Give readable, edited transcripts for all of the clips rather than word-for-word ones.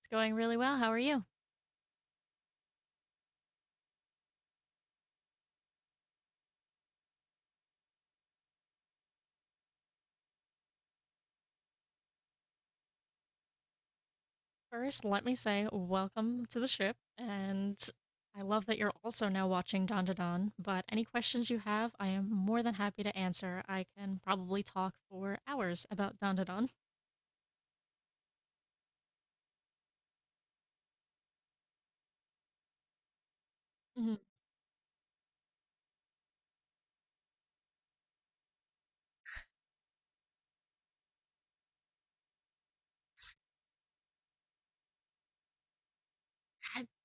It's going really well. How are you? First, let me say welcome to the ship. And I love that you're also now watching Don to Don. But any questions you have, I am more than happy to answer. I can probably talk for hours about Don to Don. Mhm.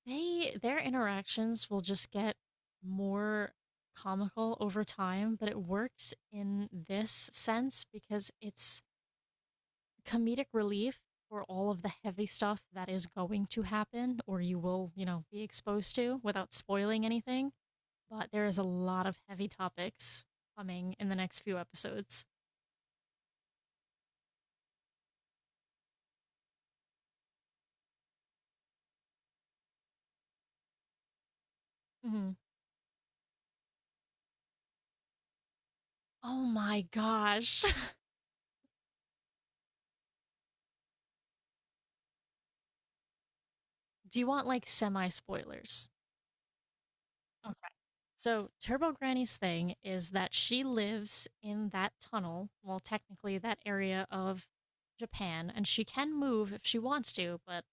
They their interactions will just get more comical over time, but it works in this sense because it's comedic relief for all of the heavy stuff that is going to happen or you will, you know, be exposed to without spoiling anything. But there is a lot of heavy topics coming in the next few episodes. Mhm. Oh my gosh. Do you want like semi spoilers? Okay. So, Turbo Granny's thing is that she lives in that tunnel, well, technically that area of Japan, and she can move if she wants to, but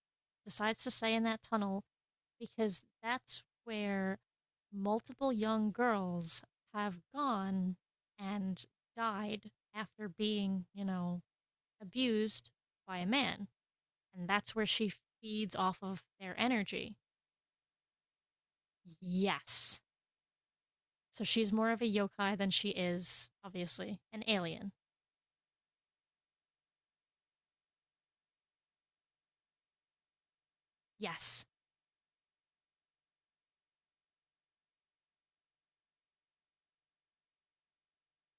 decides to stay in that tunnel because that's where multiple young girls have gone and died after being, you know, abused by a man. And that's where she feeds off of their energy. Yes. So she's more of a yokai than she is, obviously, an alien. Yes.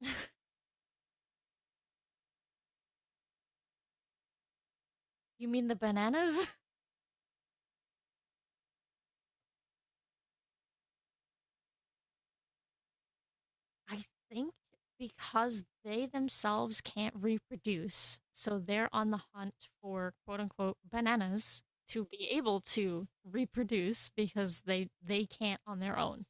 You mean the bananas? I think because they themselves can't reproduce, so they're on the hunt for quote unquote bananas to be able to reproduce because they can't on their own.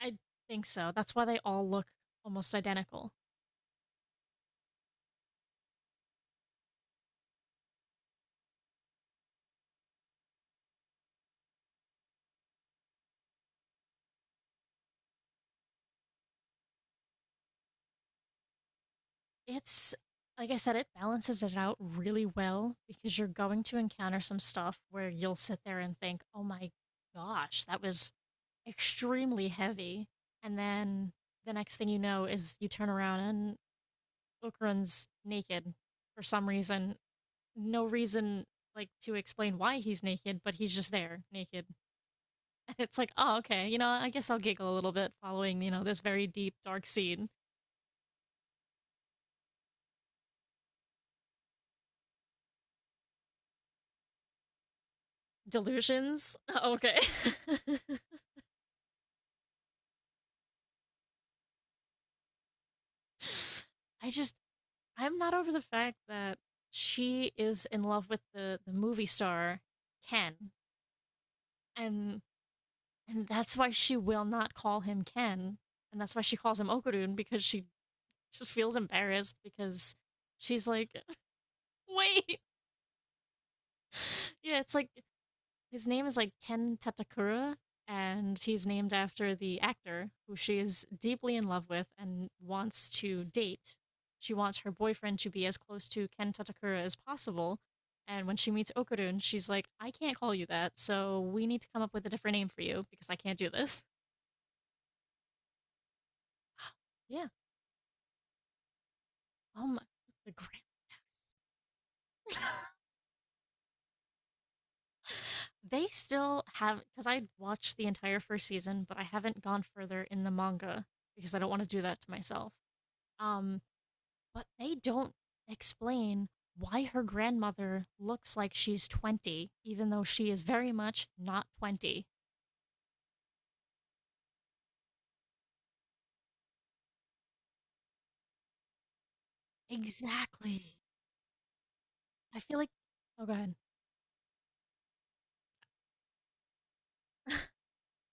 I think so. That's why they all look almost identical. It's like I said, it balances it out really well because you're going to encounter some stuff where you'll sit there and think, oh my gosh, that was extremely heavy. And then the next thing you know is you turn around and Okrun's naked for some reason. No reason like to explain why he's naked, but he's just there naked. And it's like, oh, okay, you know, I guess I'll giggle a little bit following, you know, this very deep, dark scene. Delusions? Oh, okay. I just, I'm not over the fact that she is in love with the movie star, Ken. And, and that's why she will not call him Ken. And that's why she calls him Okurun, because she just feels embarrassed because she's like, wait. Yeah, it's like his name is like Ken Tatakura, and he's named after the actor who she is deeply in love with and wants to date. She wants her boyfriend to be as close to Ken Tatakura as possible. And when she meets Okurun, she's like, I can't call you that, so we need to come up with a different name for you because I can't do this. Yeah. Oh my the grand They still have because I watched the entire first season, but I haven't gone further in the manga because I don't want to do that to myself. Um, but they don't explain why her grandmother looks like she's 20, even though she is very much not 20. Exactly. I feel like, oh, go ahead.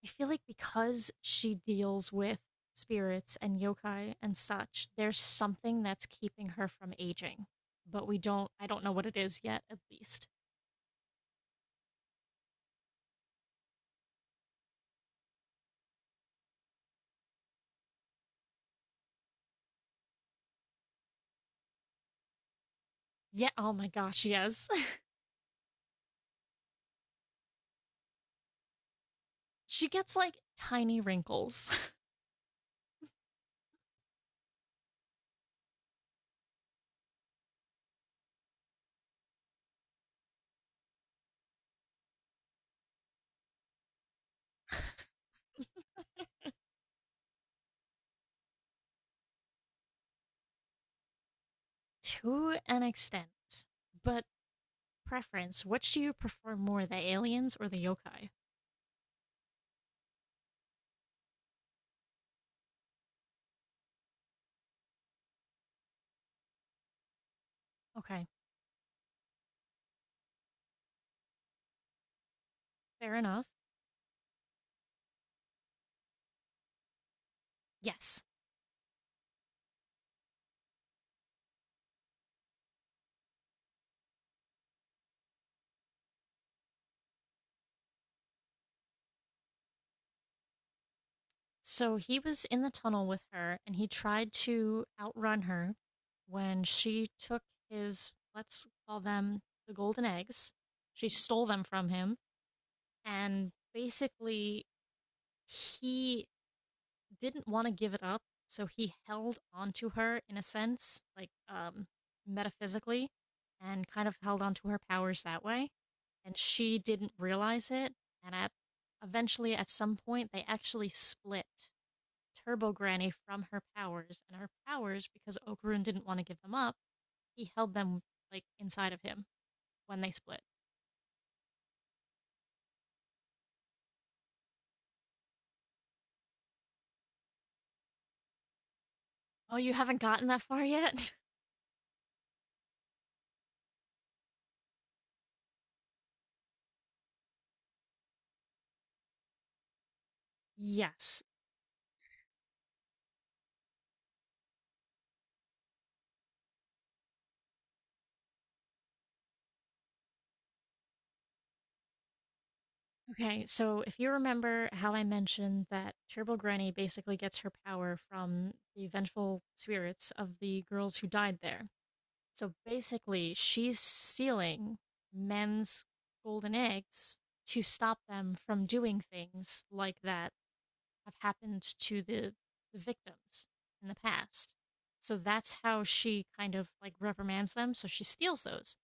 I feel like because she deals with spirits and yokai and such, there's something that's keeping her from aging. But we don't, I don't know what it is yet, at least. Yeah. Oh my gosh. Yes. She gets like tiny wrinkles. To an extent. But preference, which do you prefer more, the aliens or the yokai? Okay. Fair enough. Yes. So he was in the tunnel with her and he tried to outrun her when she took his, let's call them the golden eggs. She stole them from him and basically he didn't want to give it up, so he held onto her in a sense, like metaphysically, and kind of held onto her powers that way. And she didn't realize it. And at Eventually, at some point, they actually split Turbo Granny from her powers, and her powers, because Okarun didn't want to give them up, he held them like inside of him when they split. Oh, you haven't gotten that far yet? Yes. Okay, so if you remember how I mentioned that Turbo Granny basically gets her power from the vengeful spirits of the girls who died there. So basically, she's stealing men's golden eggs to stop them from doing things like that have happened to the victims in the past. So that's how she kind of like reprimands them. So she steals those.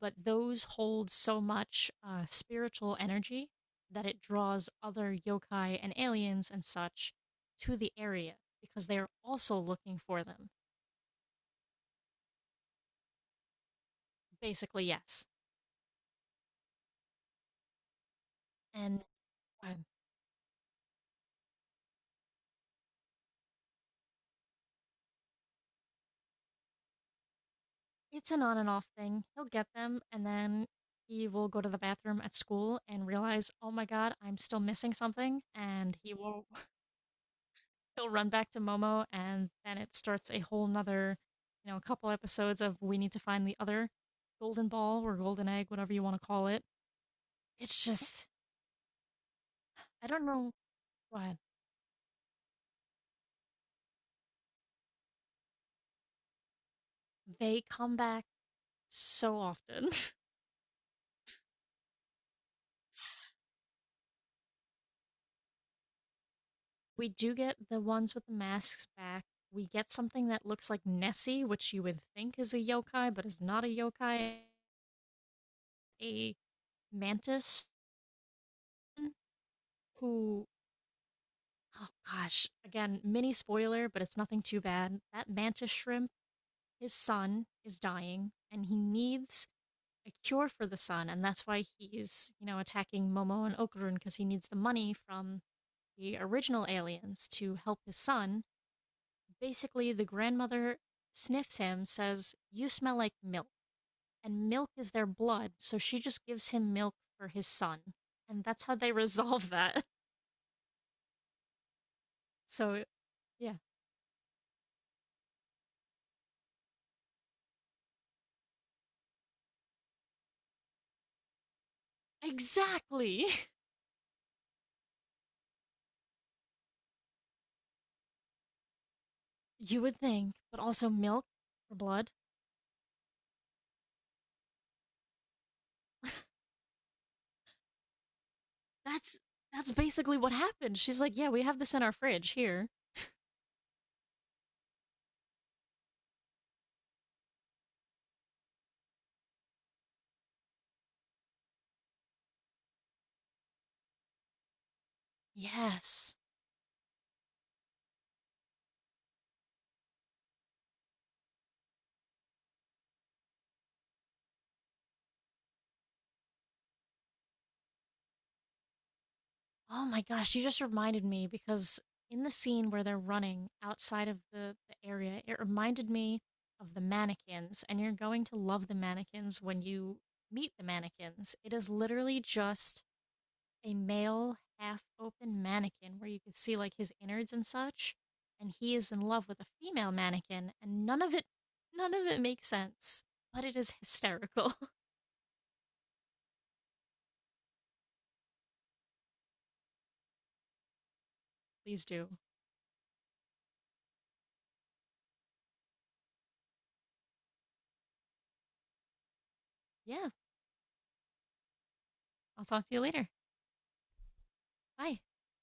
But those hold so much spiritual energy that it draws other yokai and aliens and such to the area because they are also looking for them. Basically, yes. And uh, it's an on and off thing. He'll get them and then he will go to the bathroom at school and realize, oh my god, I'm still missing something. And he'll run back to Momo, and then it starts a whole nother, you know, a couple episodes of we need to find the other golden ball or golden egg, whatever you want to call it. It's just, I don't know what. They come back so often. We do get the ones with the masks back. We get something that looks like Nessie, which you would think is a yokai, but is not a yokai. A mantis who, oh gosh, again, mini spoiler, but it's nothing too bad. That mantis shrimp, his son is dying and he needs a cure for the son, and that's why he's, you know, attacking Momo and Okurun because he needs the money from the original aliens to help his son. Basically, the grandmother sniffs him, says you smell like milk, and milk is their blood, so she just gives him milk for his son, and that's how they resolve that. So yeah, exactly. You would think, but also milk for blood. That's that's basically what happened. She's like, "Yeah, we have this in our fridge here." Yes. Oh my gosh, you just reminded me because in the scene where they're running outside of the area, it reminded me of the mannequins, and you're going to love the mannequins when you meet the mannequins. It is literally just a male half open mannequin where you can see like his innards and such, and he is in love with a female mannequin, and none of it makes sense, but it is hysterical. Please do. Yeah. I'll talk to you later. Bye.